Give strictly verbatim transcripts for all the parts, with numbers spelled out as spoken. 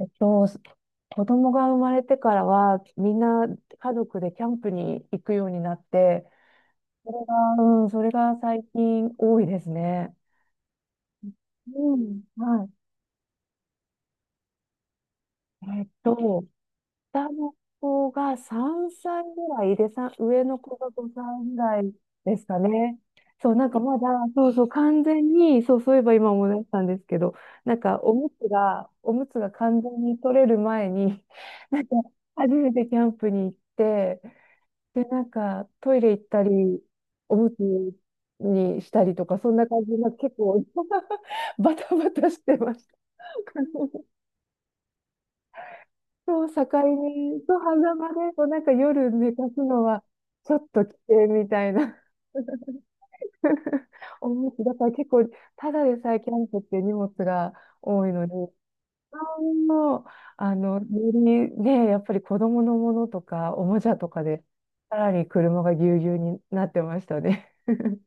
えっと、子供が生まれてからは、みんな家族でキャンプに行くようになって、それが、うん、それが最近多いですね。うん、はい。えっと、下の子がさんさいぐらいで、さん上の子がごさいぐらいですかね。そう、なんかまだ、そうそう、完全に、そう、そういえば今思い出したんですけど、なんかおむつが、おむつが完全に取れる前に、なんか初めてキャンプに行って、で、なんか、トイレ行ったり、おむつにしたりとか、そんな感じで、なんか結構 バタバタしてました。そう、境目と狭間で、こうなんか夜寝かすのは、ちょっと危険みたいな。おむつ、だから結構、ただでさえキャンプって荷物が多いのに、あの、あの、よりね、やっぱり子供のものとか、おもちゃとかで、さらに車がぎゅうぎゅうになってましたね。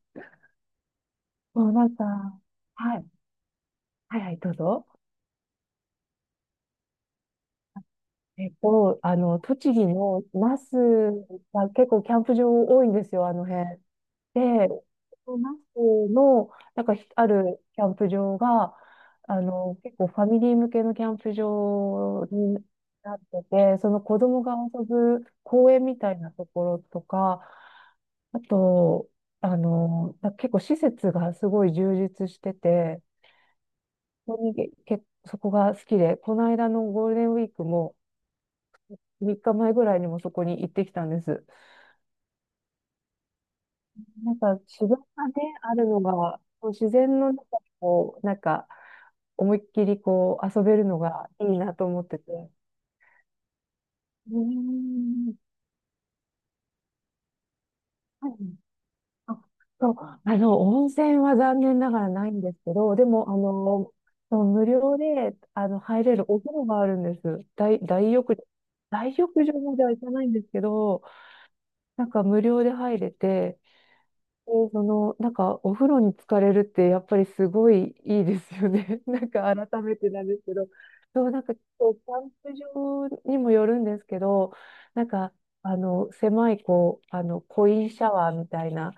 もうなんか、はい、はいはい、どうぞ。えっと、あの、栃木の那須が結構キャンプ場多いんですよ、あの辺。で、那須の、なんかひあるキャンプ場が、あの、結構ファミリー向けのキャンプ場になってて、その子供が遊ぶ公園みたいなところとか、あと、あの、なんか結構施設がすごい充実してて、本当にけ、けそこが好きで、この間のゴールデンウィークも、みっかまえぐらいにもそこに行ってきたんです。なんか自分がね、あるのが、こう自然の中でこう、なんか思いっきりこう遊べるのがいいなと思ってて。うーん。はい、あ、そう、あの、温泉は残念ながらないんですけど、でも、あの、そう無料で、あの、入れるお風呂があるんです。大、大浴場。大浴場までは行かないんですけど、なんか無料で入れて、で、その、なんかお風呂に浸かれるってやっぱりすごいいいですよね。なんか改めてなんですけど、そう、なんか結構キャンプ場にもよるんですけど、なんか、あの、狭い、こう、あの、コインシャワーみたいな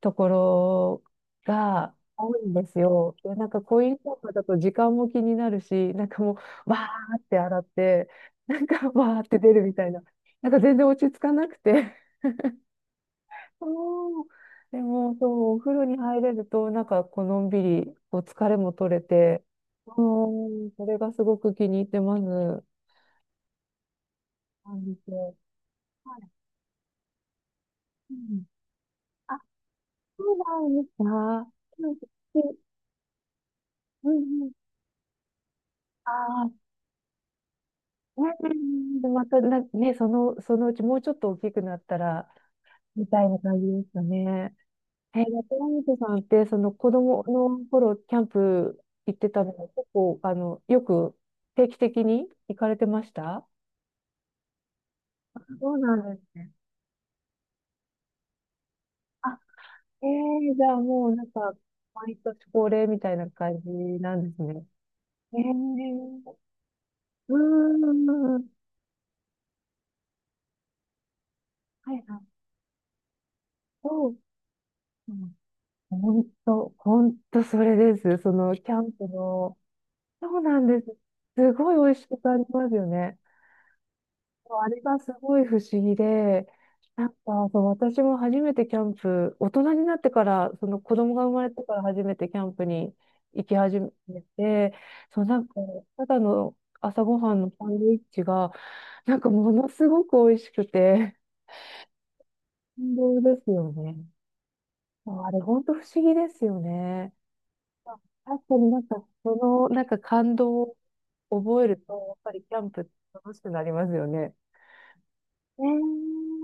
ところが多いんですよ。で、なんかコインシャワーだと時間も気になるし、なんかもう、わーって洗って、なんかわーって出るみたいな。なんか全然落ち着かなくておーでも、そう、お風呂に入れると、なんか、こう、のんびり、こう、疲れも取れて、うん、それがすごく気に入ってます。感じて。はい。うん。あ、そうなんですか。うんうんうん。ああ、ね、で、またな、ね、その、そのうちもうちょっと大きくなったら、みたいな感じですかね。えー、ラテラミトさんって、その子供の頃、キャンプ行ってたのは、結構、あの、よく定期的に行かれてました？そうなんですね。あ、えー、じゃあもうなんか、毎年恒例みたいな感じなんですね。えー、うーん、はいはい。そう、本当、本当それです。その、キャンプの、そうなんです。すごい美味しく感じますよね。あれがすごい不思議で、なんかそう、私も初めてキャンプ、大人になってから、その子供が生まれてから初めてキャンプに行き始めて、そう、なんか、ただの朝ごはんのサンドイッチが、なんかものすごく美味しくて、感動ですよね。あれ、本当不思議ですよね。あ、確かになんか、その、なんか感動を覚えると、やっぱりキャンプ楽しくなりますよね。ね、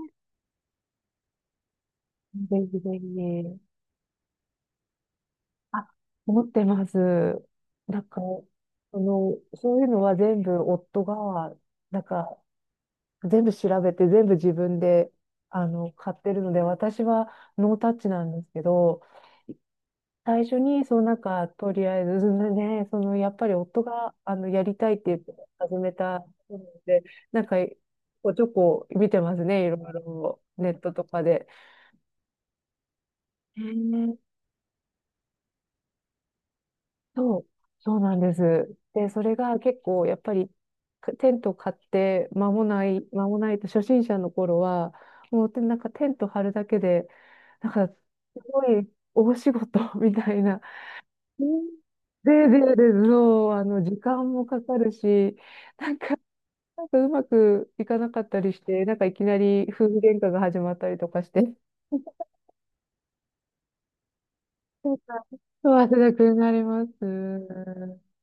えぜひぜひ。あ、持ってます。なんか、その、そういうのは全部夫が、なんか、全部調べて、全部自分で、あの、買ってるので、私はノータッチなんですけど、最初に、そのなんか、とりあえずね、ねその、やっぱり夫が、あの、やりたいって言って始めたので、なんか、ちょこちょこ見てますね、いろいろ、ネットとかで。へえ、そう、そうなんです。で、それが結構やっぱりかテント買って間もない、間もないと初心者の頃は、もうてなんかテント張るだけで、なんかすごい大仕事 みたいな。うん、で、で、で、そう、あの、時間もかかるし、なんか、なんかうまくいかなかったりして、なんかいきなり夫婦喧嘩が始まったりとかして。なんか、そう汗だくになります。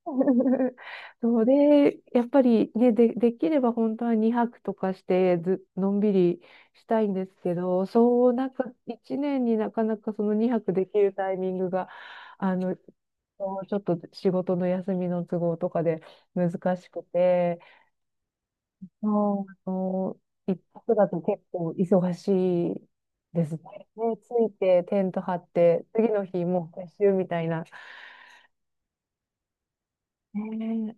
そうで、やっぱりね、で、できれば本当はにはくとかしてず、のんびりしたいんですけど、そう、なんかいちねんになかなかそのにはくできるタイミングが、あの、ちょっと仕事の休みの都合とかで難しくて、もう、あの、一泊だと結構忙しいですね。ね、着いてテント張って、次の日もう撤収みたいな。ね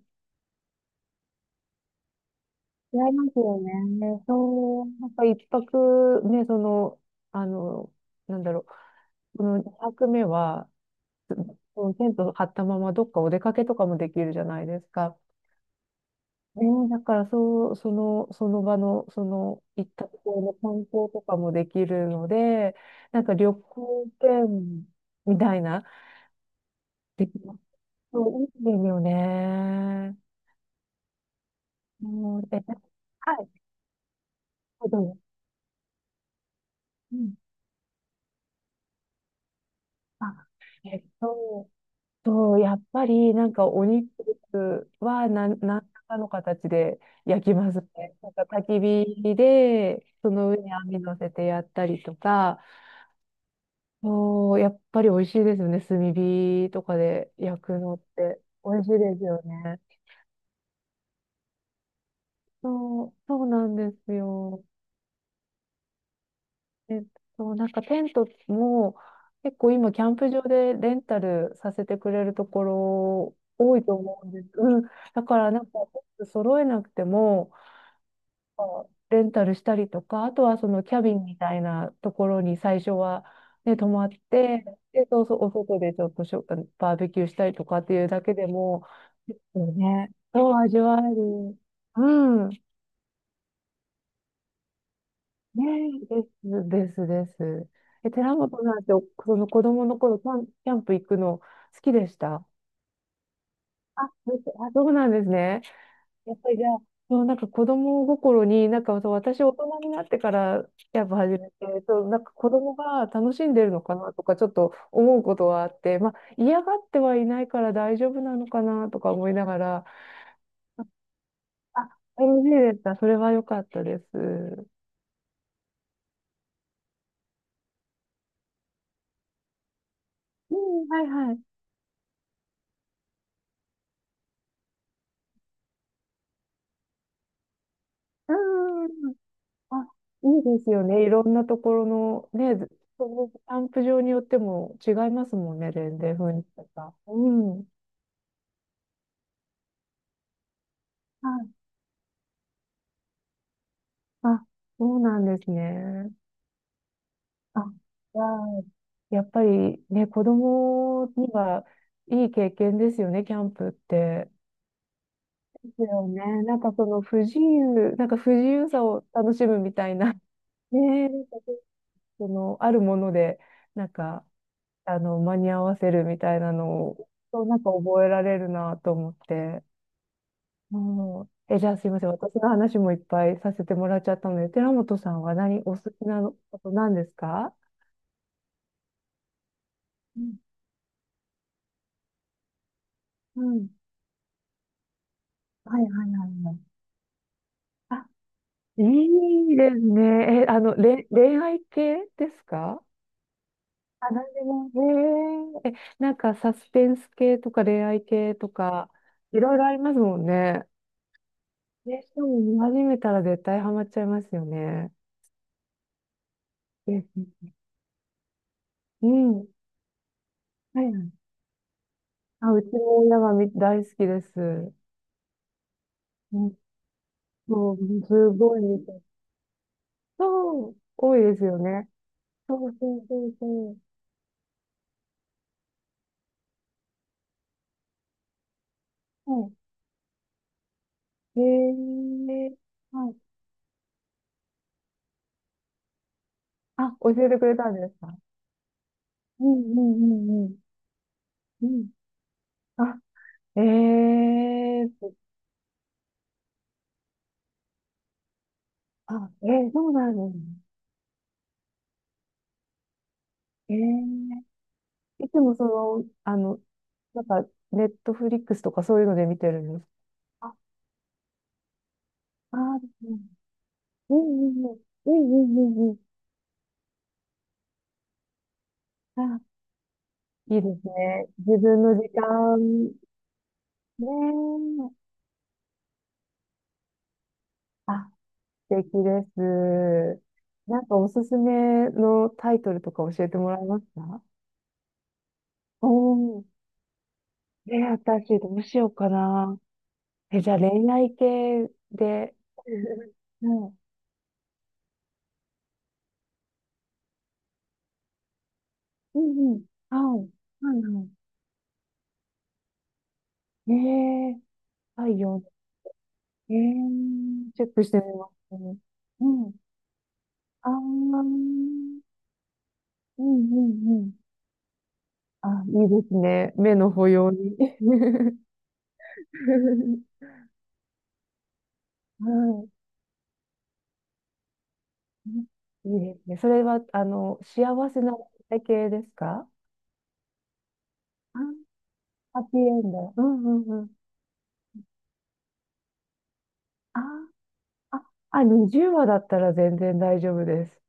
え、違いますよね。そう、なんか一泊ね、その、あの、なんだろう、この泊目は、そのテント張ったままどっかお出かけとかもできるじゃないですか。ねえ、だからそう、その、その場の、その、行ったところの観光とかもできるので、なんか旅行券みたいな、できます。そう、いいですよね。もう、え、はい、どうぞ。うん。あ、えっと、そう、やっぱりなんかお肉は何、何らかの形で焼きますね。なんか焚き火で、その上に網乗せてやったりとか、そう、やっぱり美味しいですよね。炭火とかで焼くのって。美味しいですよね。そう、そうなんですよ。えっと、なんかテントも結構今キャンプ場でレンタルさせてくれるところ多いと思うんです。うん。だからなんか揃えなくても、レンタルしたりとか、あとはそのキャビンみたいなところに最初は、ね、泊まって、で、そうそう、お外でちょっとしょ、バーベキューしたりとかっていうだけでも、結構ね、そう味わえる。うん。ね、です、です、です。え、寺本なんて、その子供の頃、キャンキャンプ行くの好きでした？あ、ですあ、そうなんですね。やっぱりじゃあ、そう、なんか子供心に、なんかそう私大人になってからやっぱ始めて、そう、なんか子供が楽しんでるのかなとかちょっと思うことはあって、まあ嫌がってはいないから大丈夫なのかなとか思いながら、あ、楽しいでした。それは良かったです。うん、はいはい。うん。あ、いいですよね。いろんなところの、ね、そのキャンプ場によっても違いますもんね、全然雰囲気とか。うん。はい。あ、そうなんですね。あじゃあやっぱりね、子供にはいい経験ですよね、キャンプって。ですよね。なんかその不自由、なんか不自由さを楽しむみたいな、ねえ、なんかねその、あるもので、なんか、あの、間に合わせるみたいなのを、そうなんか覚えられるなと思って。うん。え、じゃあすいません。私の話もいっぱいさせてもらっちゃったので、寺本さんは何、お好きなことなんですか？うん、うんはいはいはいはい。いいですね。え、あの、れ、恋愛系ですか？あ、なんでも。へえ。え、なんかサスペンス系とか恋愛系とか、いろいろありますもんね。ね、しかも見始めたら絶対ハマっちゃいますよね。ですね。うん。はいはい。あ、うちの親がみ大好きです。うん、そう、すごい見てそう、多いですよね。そうそうそうそう。はい。へえ。はい。あ、教えてくれたんですか？うんうんうんうんうん。あ、ええー、あ、えー、そうなんですね。ええーいつもその、あの、なんか、ネットフリックスとかそういうので見てるんですか。あ、あーうんうんうんうんうんうんうんうん。あ、いいですね。自分の時間、ねえ。あ、素敵です。なんかおすすめのタイトルとか教えてもらえますか？おー、えー、私どうしようかな。え、じゃあ恋愛系で、もう、うんうん、はい、はいはい。ええ、太陽、ええ、チェックしてみます。うん、あー、うんうんうん。あ、いいですね。目の保養に。はい。いいですね。それは、あの、幸せな体系ですか？あ、ハッピーエンド。うんうんうん。あ、あ、あ、にじゅうわだったら全然大丈夫です。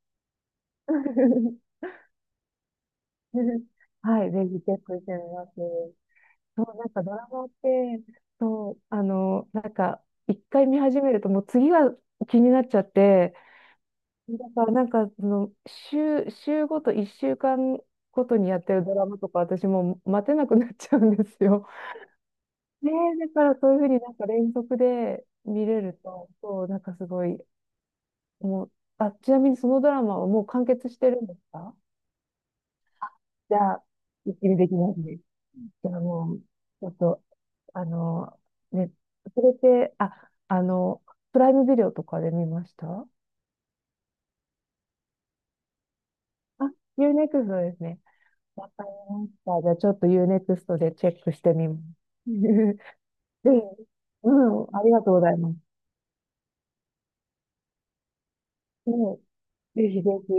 はい、ぜひチェックしてみます。そう、なんかドラマって、そう、あの、なんか、一回見始めると、もう次が気になっちゃって、だからなんか、その、週、週ごと、一週間ごとにやってるドラマとか、私もう待てなくなっちゃうんですよ。ねえ、だからそういうふうになんか連続で見れると、そう、なんかすごい、もう、あ、ちなみにそのドラマはもう完結してるんですか？じゃあ、一気にできます？じゃあもう、ちょっと、あの、ね、それって、あ、あの、プライムビデオとかで見ました？あ、ユーネクストですね。わかりました。じゃあちょっとユーネクストでチェックしてみます。でうん、ありがとうございます。うん、ぜひぜひ。